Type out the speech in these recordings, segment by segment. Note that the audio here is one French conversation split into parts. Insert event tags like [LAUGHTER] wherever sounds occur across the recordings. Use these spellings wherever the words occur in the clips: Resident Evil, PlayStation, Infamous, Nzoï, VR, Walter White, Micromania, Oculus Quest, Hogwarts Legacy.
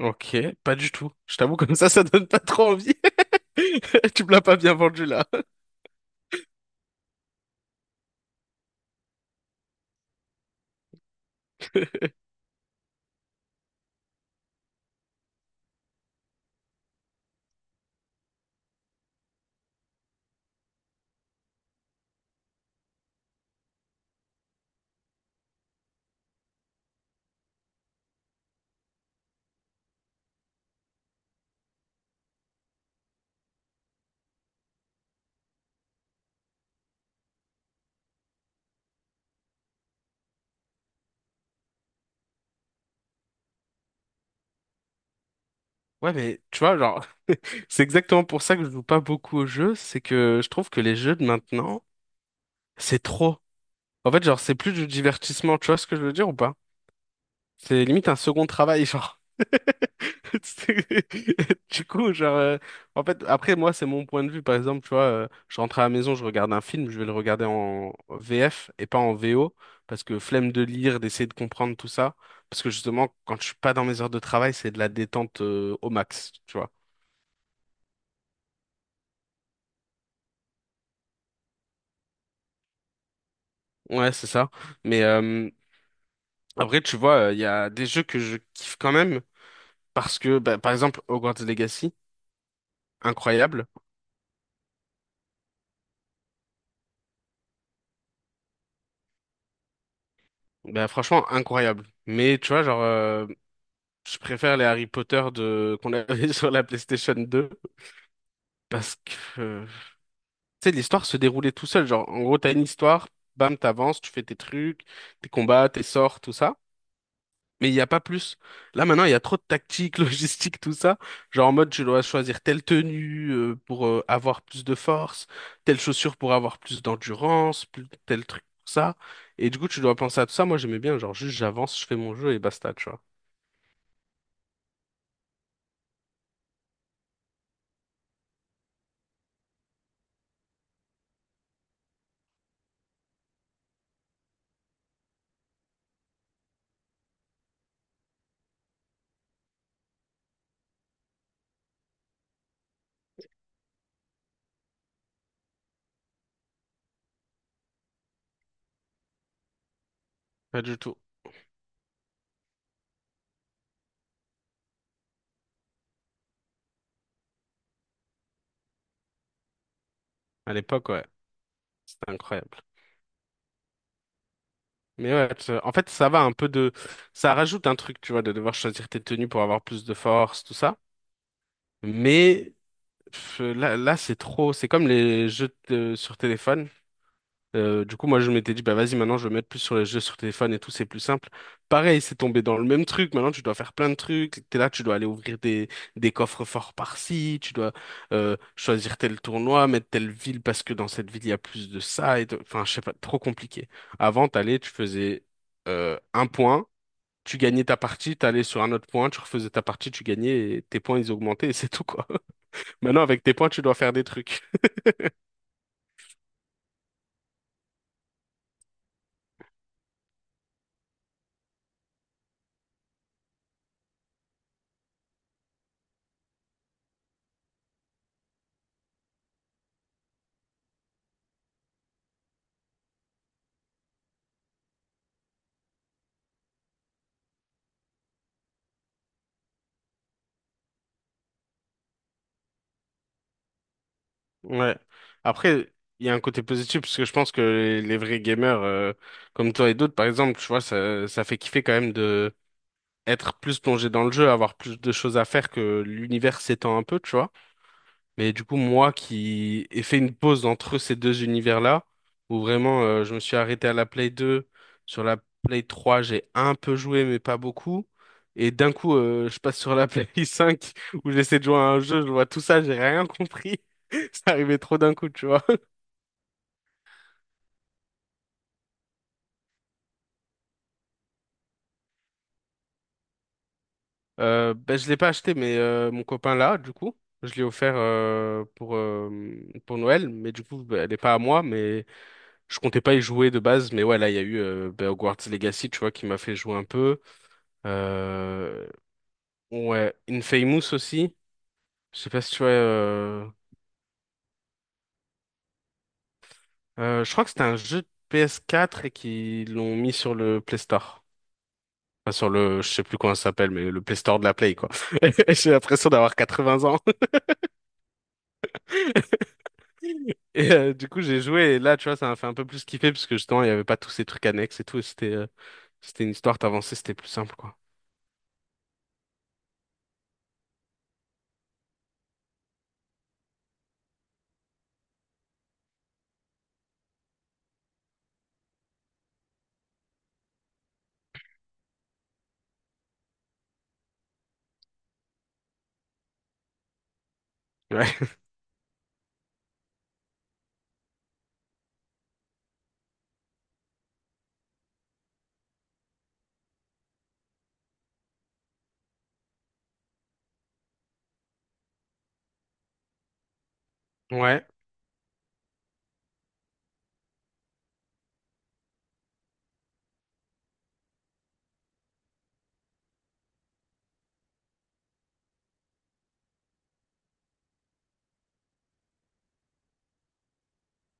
Ok, pas du tout. Je t'avoue, comme ça donne pas trop envie. [LAUGHS] Tu me l'as pas bien vendu là. [LAUGHS] Ouais, mais tu vois, genre, [LAUGHS] c'est exactement pour ça que je joue pas beaucoup aux jeux, c'est que je trouve que les jeux de maintenant, c'est trop. En fait, genre, c'est plus du divertissement, tu vois ce que je veux dire ou pas? C'est limite un second travail, genre. [LAUGHS] C'est- Du coup, genre, euh, en fait, après, moi, c'est mon point de vue. Par exemple, tu vois, je rentre à la maison, je regarde un film, je vais le regarder en VF et pas en VO, parce que flemme de lire, d'essayer de comprendre tout ça. Parce que justement, quand je suis pas dans mes heures de travail, c'est de la détente, au max, tu vois. Ouais, c'est ça. Mais euh, après, tu vois, il y a des jeux que je kiffe quand même, parce que, bah, par exemple, Hogwarts Legacy, incroyable. Bah, franchement, incroyable. Mais tu vois, je préfère les Harry Potter de qu'on avait [LAUGHS] sur la PlayStation deux parce que, euh, tu sais, l'histoire se déroulait tout seul. Genre, en gros, t'as une histoire, bam, t'avances, tu fais tes trucs, tes combats, tes sorts, tout ça. Mais il n'y a pas plus. Là, maintenant, il y a trop de tactique, [LAUGHS] logistique, tout ça. Genre, en mode, tu dois choisir telle tenue pour avoir plus de force, telle chaussure pour avoir plus d'endurance, plus tel truc, pour ça. Et du coup, tu dois penser à tout ça. Moi, j'aimais bien, genre, juste j'avance, je fais mon jeu et basta, tu vois. Pas du tout. À l'époque, ouais. C'était incroyable. Mais ouais, tu- en fait, ça va un peu de… Ça rajoute un truc, tu vois, de devoir choisir tes tenues pour avoir plus de force, tout ça. Mais pff, là c'est trop… C'est comme les jeux de- sur téléphone. Du coup, moi, je m'étais dit, bah vas-y, maintenant, je vais mettre plus sur les jeux sur téléphone et tout, c'est plus simple. Pareil, c'est tombé dans le même truc. Maintenant, tu dois faire plein de trucs. T'es là, tu dois aller ouvrir des coffres forts par-ci, tu dois choisir tel tournoi, mettre telle ville parce que dans cette ville, il y a plus de ça. Et de- Enfin, je sais pas, trop compliqué. Avant, t'allais, tu faisais un point, tu gagnais ta partie, t'allais sur un autre point, tu refaisais ta partie, tu gagnais, et tes points, ils augmentaient, et c'est tout, quoi. [LAUGHS] Maintenant, avec tes points, tu dois faire des trucs. Ouais. Après, il y a un côté positif parce que je pense que les vrais gamers, comme toi et d'autres, par exemple, tu vois, ça fait kiffer quand même de être plus plongé dans le jeu, avoir plus de choses à faire que l'univers s'étend un peu, tu vois. Mais du coup, moi qui ai fait une pause entre ces deux univers-là, où vraiment je me suis arrêté à la Play 2, sur la Play 3, j'ai un peu joué, mais pas beaucoup. Et d'un coup, je passe sur la Play [LAUGHS] 5, où j'essaie de jouer à un jeu, je vois tout ça, j'ai rien compris. [LAUGHS] Ça arrivait trop d'un coup, tu vois. Ben, je l'ai pas acheté, mais mon copain l'a, du coup. Je l'ai offert pour Noël, mais du coup, ben, elle est pas à moi, mais je comptais pas y jouer de base. Mais ouais, là, il y a eu ben, Hogwarts Legacy, tu vois, qui m'a fait jouer un peu. Euh, ouais, Infamous aussi. Je sais pas si tu vois… je crois que c'était un jeu de PS4 et qu'ils l'ont mis sur le Play Store. Enfin, sur le, je sais plus comment ça s'appelle, mais le Play Store de la Play, quoi. [LAUGHS] J'ai l'impression d'avoir 80 ans. [LAUGHS] Du coup, j'ai joué et là, tu vois, ça m'a fait un peu plus kiffer parce que justement, il n'y avait pas tous ces trucs annexes et tout. Et c'était c'était une histoire, t'avançais, c'était plus simple, quoi. Ouais. [LAUGHS] Ouais.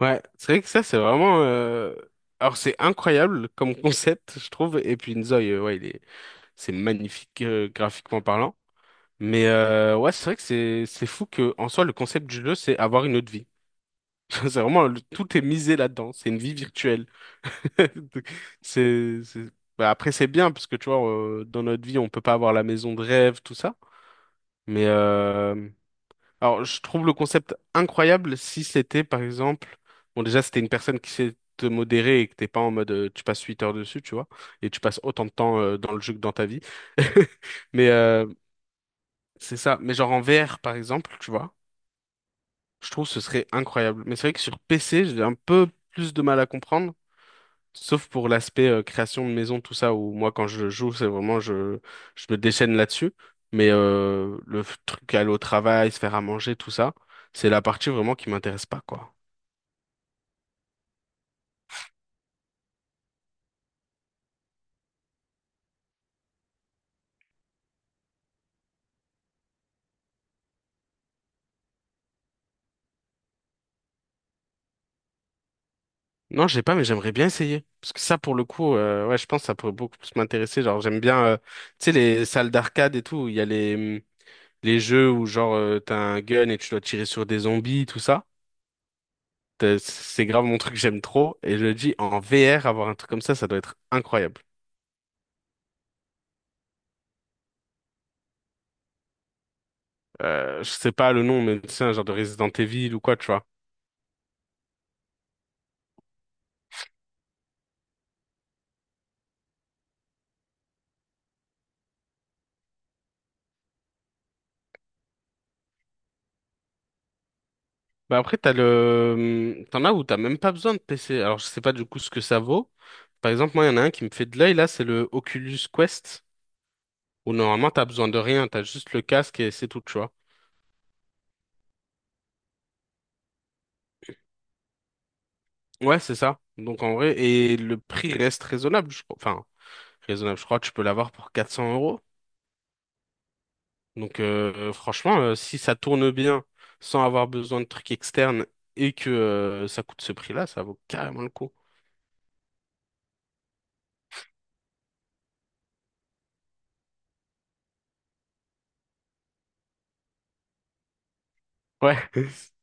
Ouais. C'est vrai que ça, c'est vraiment. Alors, c'est incroyable comme concept, je trouve. Et puis, Nzoï, ouais, il est… c'est magnifique graphiquement parlant. Ouais, c'est vrai que c'est fou que en soi, le concept du jeu, c'est avoir une autre vie. [LAUGHS] C'est vraiment. Le- Tout est misé là-dedans. C'est une vie virtuelle. [LAUGHS] C'est- bah, après, c'est bien parce que tu vois, dans notre vie, on peut pas avoir la maison de rêve, tout ça. Mais euh, alors, je trouve le concept incroyable si c'était, par exemple, bon, déjà, c'était une personne qui sait te modérer et que t'es pas en mode, tu passes 8 heures dessus, tu vois, et tu passes autant de temps dans le jeu que dans ta vie. [LAUGHS] Mais euh, c'est ça. Mais genre en VR, par exemple, tu vois, je trouve que ce serait incroyable. Mais c'est vrai que sur PC, j'ai un peu plus de mal à comprendre. Sauf pour l'aspect création de maison, tout ça, où moi, quand je joue, c'est vraiment, je me déchaîne là-dessus. Le f- truc, aller au travail, se faire à manger, tout ça, c'est la partie vraiment qui m'intéresse pas, quoi. Non, j'ai pas, mais j'aimerais bien essayer. Parce que ça, pour le coup, ouais, je pense que ça pourrait beaucoup plus m'intéresser. Genre, j'aime bien, tu sais, les salles d'arcade et tout, où il y a les jeux où, genre, t'as un gun et tu dois tirer sur des zombies, tout ça. T'as- C'est grave mon truc, j'aime trop. Et je le dis, en VR, avoir un truc comme ça doit être incroyable. Je sais pas le nom, mais tu sais, un genre de Resident Evil ou quoi, tu vois. Bah après, t'as le, hmm, t'en as où t'as même pas besoin de PC. Alors, je sais pas du coup ce que ça vaut. Par exemple, moi, il y en a un qui me fait de l'œil, là, c'est le Oculus Quest, où normalement, t'as besoin de rien, t'as juste le casque et c'est tout, tu vois. Ouais, c'est ça. Donc, en vrai, et le prix reste raisonnable, je crois. Enfin, raisonnable, je crois que tu peux l'avoir pour 400 euros. Donc, franchement, si ça tourne bien, sans avoir besoin de trucs externes, et que ça coûte ce prix-là, ça vaut carrément le coup. Ouais. [LAUGHS]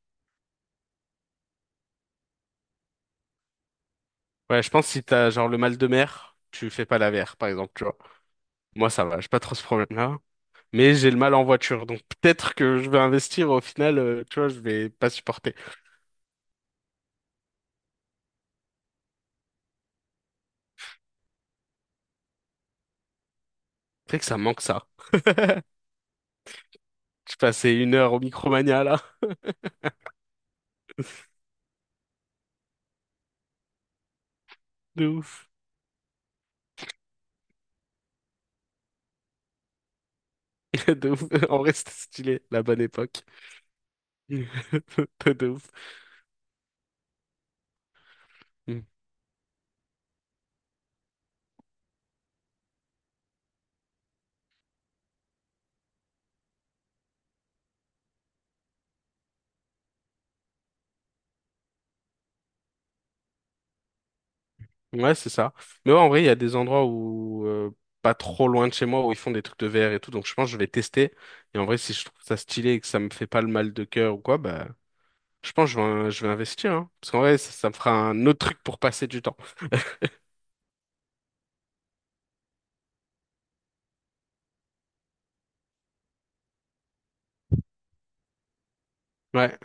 Ouais, je pense que si t'as genre le mal de mer, tu fais pas la VR, par exemple, tu vois. Moi, ça va, j'ai pas trop ce problème-là. Mais j'ai le mal en voiture, donc peut-être que je vais investir, au final, tu vois, je vais pas supporter. C'est vrai que ça me manque ça. Je passais une heure au Micromania, là. De ouf. [LAUGHS] De ouf. En vrai, c'était stylé, la bonne époque. [LAUGHS] De ouf. Mm. Ouais, c'est ça. Mais ouais, en vrai, il y a des endroits où, pas trop loin de chez moi, où ils font des trucs de VR et tout, donc je pense que je vais tester. Et en vrai, si je trouve ça stylé et que ça me fait pas le mal de cœur ou quoi, bah. Je pense que je vais investir, hein. Parce qu'en vrai, ça me fera un autre truc pour passer du temps. Ouais,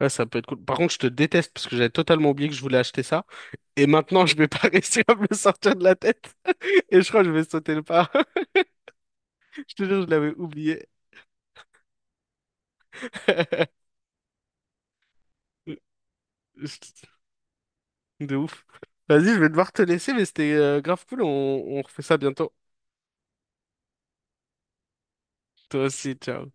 ouais, ça peut être cool. Par contre, je te déteste parce que j'avais totalement oublié que je voulais acheter ça. Et maintenant, je vais pas [LAUGHS] réussir à me le sortir de la tête. [LAUGHS] Et je crois que je vais sauter le pas. [LAUGHS] Je te jure, je l'avais oublié. [LAUGHS] De ouf. Vas-y, je vais devoir te laisser, mais c'était grave cool. On refait ça bientôt. Toi aussi, ciao.